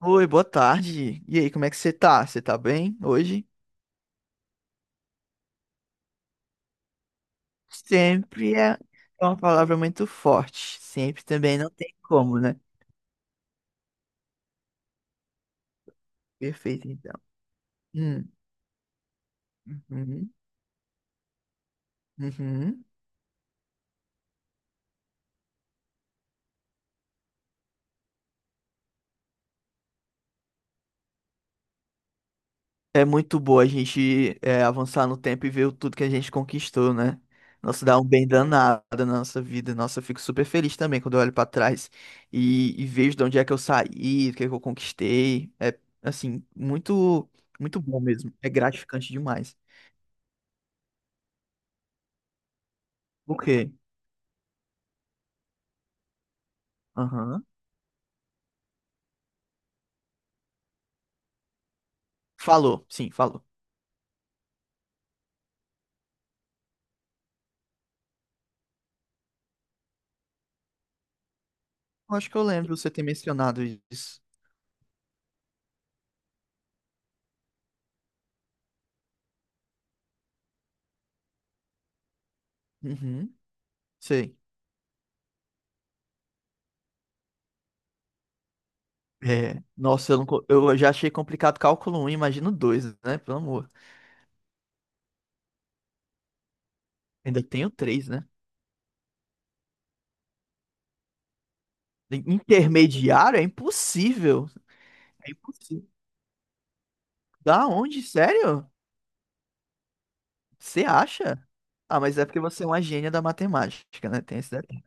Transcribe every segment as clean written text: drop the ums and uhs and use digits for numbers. Oi, boa tarde. E aí, como é que você tá? Você tá bem hoje? Sempre é uma palavra muito forte. Sempre também não tem como, né? Perfeito, então. Hum, uhum, uhum. É muito boa a gente avançar no tempo e ver o tudo que a gente conquistou, né? Nossa, dá um bem danado na nossa vida. Nossa, eu fico super feliz também quando eu olho pra trás e vejo de onde é que eu saí, o que é que eu conquistei. É, assim, muito, muito bom mesmo. É gratificante demais. O quê? Aham. Falou, sim, falou. Eu acho que eu lembro você ter mencionado isso. Uhum, sei. É, nossa, eu, não, eu já achei complicado cálculo um, imagino 2, né? Pelo amor. Ainda tenho três, né? Intermediário é impossível. É impossível. Da onde? Sério? Você acha? Ah, mas é porque você é uma gênia da matemática, né? Tem esse detalhe.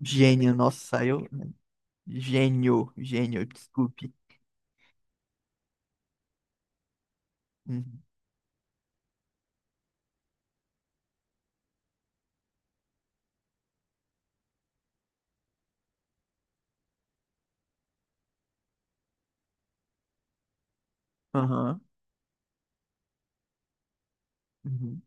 Gênio, nossa, eu. Gênio, gênio, desculpe. Uhum. Aham. Uhum.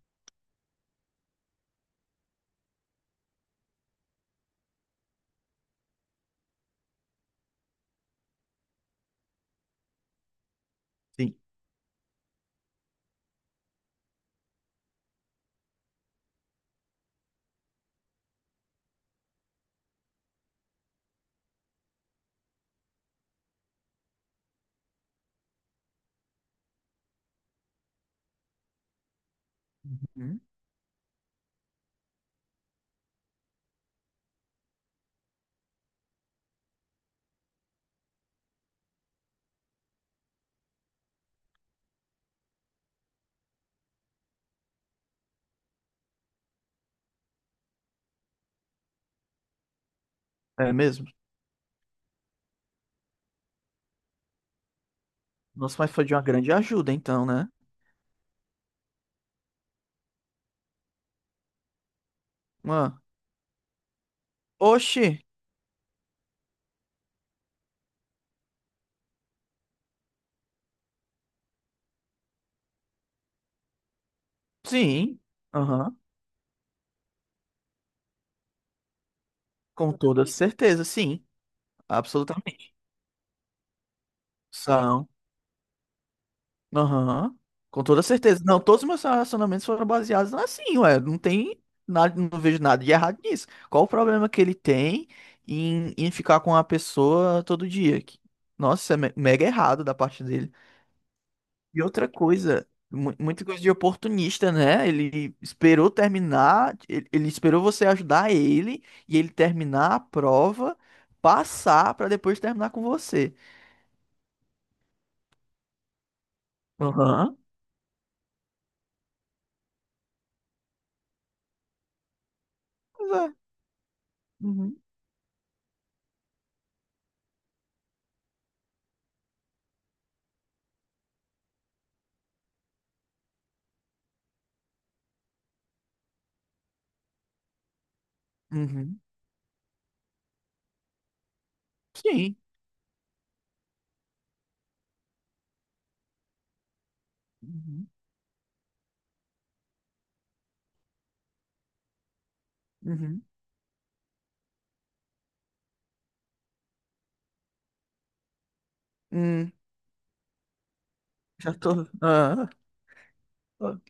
Sim. Uhum. É mesmo? Nossa, mas foi de uma grande ajuda, então, né? Uma. Oxi, sim. Aham. Com toda certeza, sim. Absolutamente. São. Aham. Com toda certeza. Não, todos os meus relacionamentos foram baseados assim, ué. Não tem nada, não vejo nada de errado nisso. Qual o problema que ele tem em ficar com uma pessoa todo dia? Nossa, isso é mega errado da parte dele. E outra coisa, muita coisa de oportunista, né? Ele esperou terminar, ele esperou você ajudar ele e ele terminar a prova, passar pra depois terminar com você. Aham. Pois é. Uhum. Uhum. Sim. Uhum. Uhum. Hum, já tô. Ah, ah. Ah.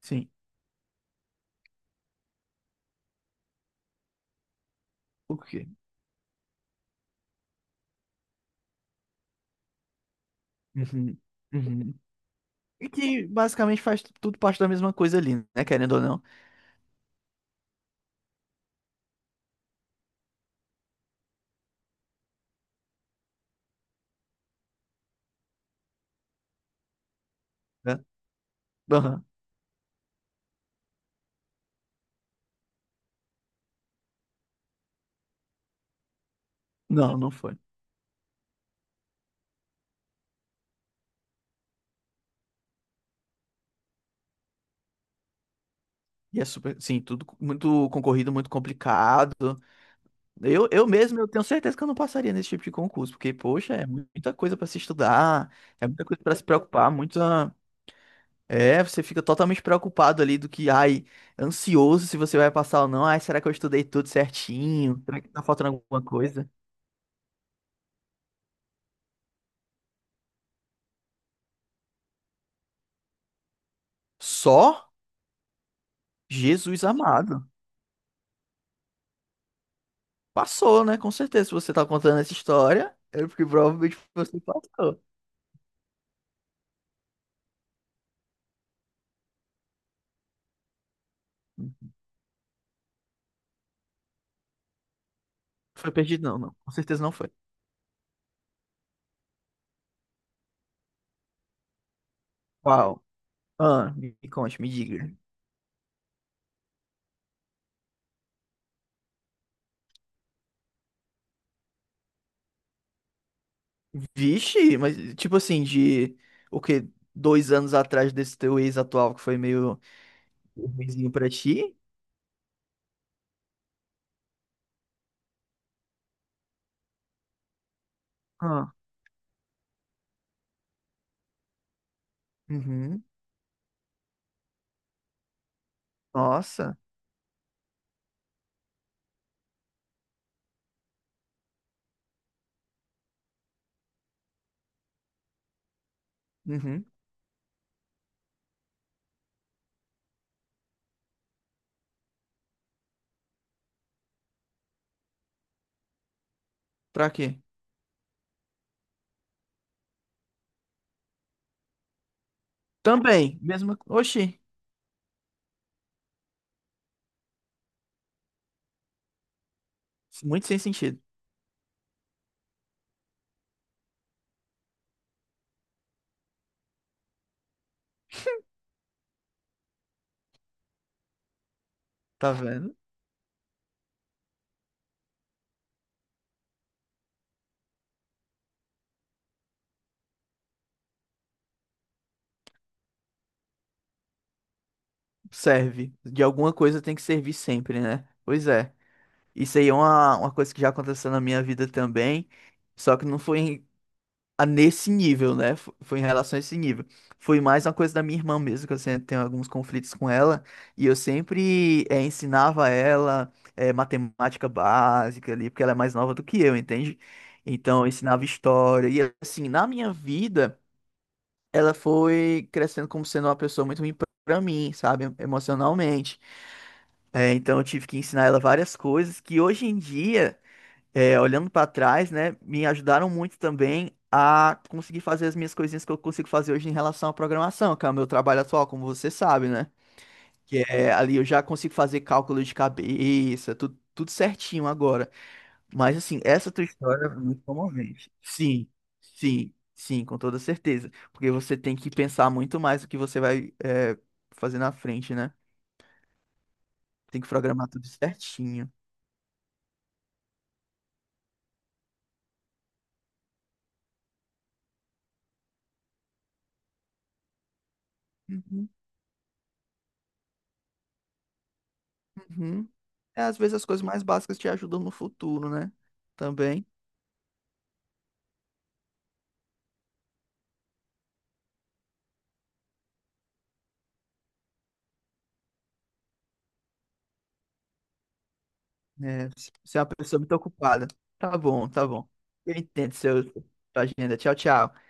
Sim. O quê? Uhum. Uhum. E que basicamente faz tudo parte da mesma coisa ali, né? Querendo ou não, né? Aham. Não, não foi. E é super, sim, tudo muito concorrido, muito complicado. Eu mesmo, eu tenho certeza que eu não passaria nesse tipo de concurso, porque, poxa, é muita coisa para se estudar, é muita coisa para se preocupar, muita. É, você fica totalmente preocupado ali do que, ai, ansioso se você vai passar ou não. Ai, será que eu estudei tudo certinho? Será que tá faltando alguma coisa? Só. Jesus amado. Passou, né? Com certeza, se você tá contando essa história, é porque provavelmente você passou. Foi perdido, não, não. Com certeza não foi. Uau. Ah, me conte, me diga. Vixe, mas tipo assim, de o quê? Dois anos atrás desse teu ex atual que foi meio ruimzinho pra ti? Ah, uhum. Nossa, uhum. Pra quê? Também, mesma. Oxi, muito sem sentido. Tá vendo? Serve. De alguma coisa tem que servir sempre, né? Pois é. Isso aí é uma coisa que já aconteceu na minha vida também. Só que não foi a nesse nível, né? Foi em relação a esse nível. Foi mais uma coisa da minha irmã mesmo, que eu sempre tenho alguns conflitos com ela, e eu sempre ensinava ela matemática básica ali, porque ela é mais nova do que eu, entende? Então, eu ensinava história, e assim, na minha vida, ela foi crescendo como sendo uma pessoa muito ruim pra mim, sabe? Emocionalmente. Então, eu tive que ensinar ela várias coisas que hoje em dia olhando para trás, né, me ajudaram muito também a conseguir fazer as minhas coisinhas que eu consigo fazer hoje em relação à programação, que é o meu trabalho atual, como você sabe, né? Que é ali eu já consigo fazer cálculo de cabeça, tudo, tudo certinho agora. Mas assim, essa tua história é muito comovente. Sim, sim, sim, com toda certeza. Porque você tem que pensar muito mais o que você vai fazer na frente, né? Tem que programar tudo certinho. Uhum, uhum. É, às vezes as coisas mais básicas te ajudam no futuro, né? Também. É, se é uma pessoa muito ocupada. Tá bom, tá bom. Eu entendo seu, sua agenda. Tchau, tchau.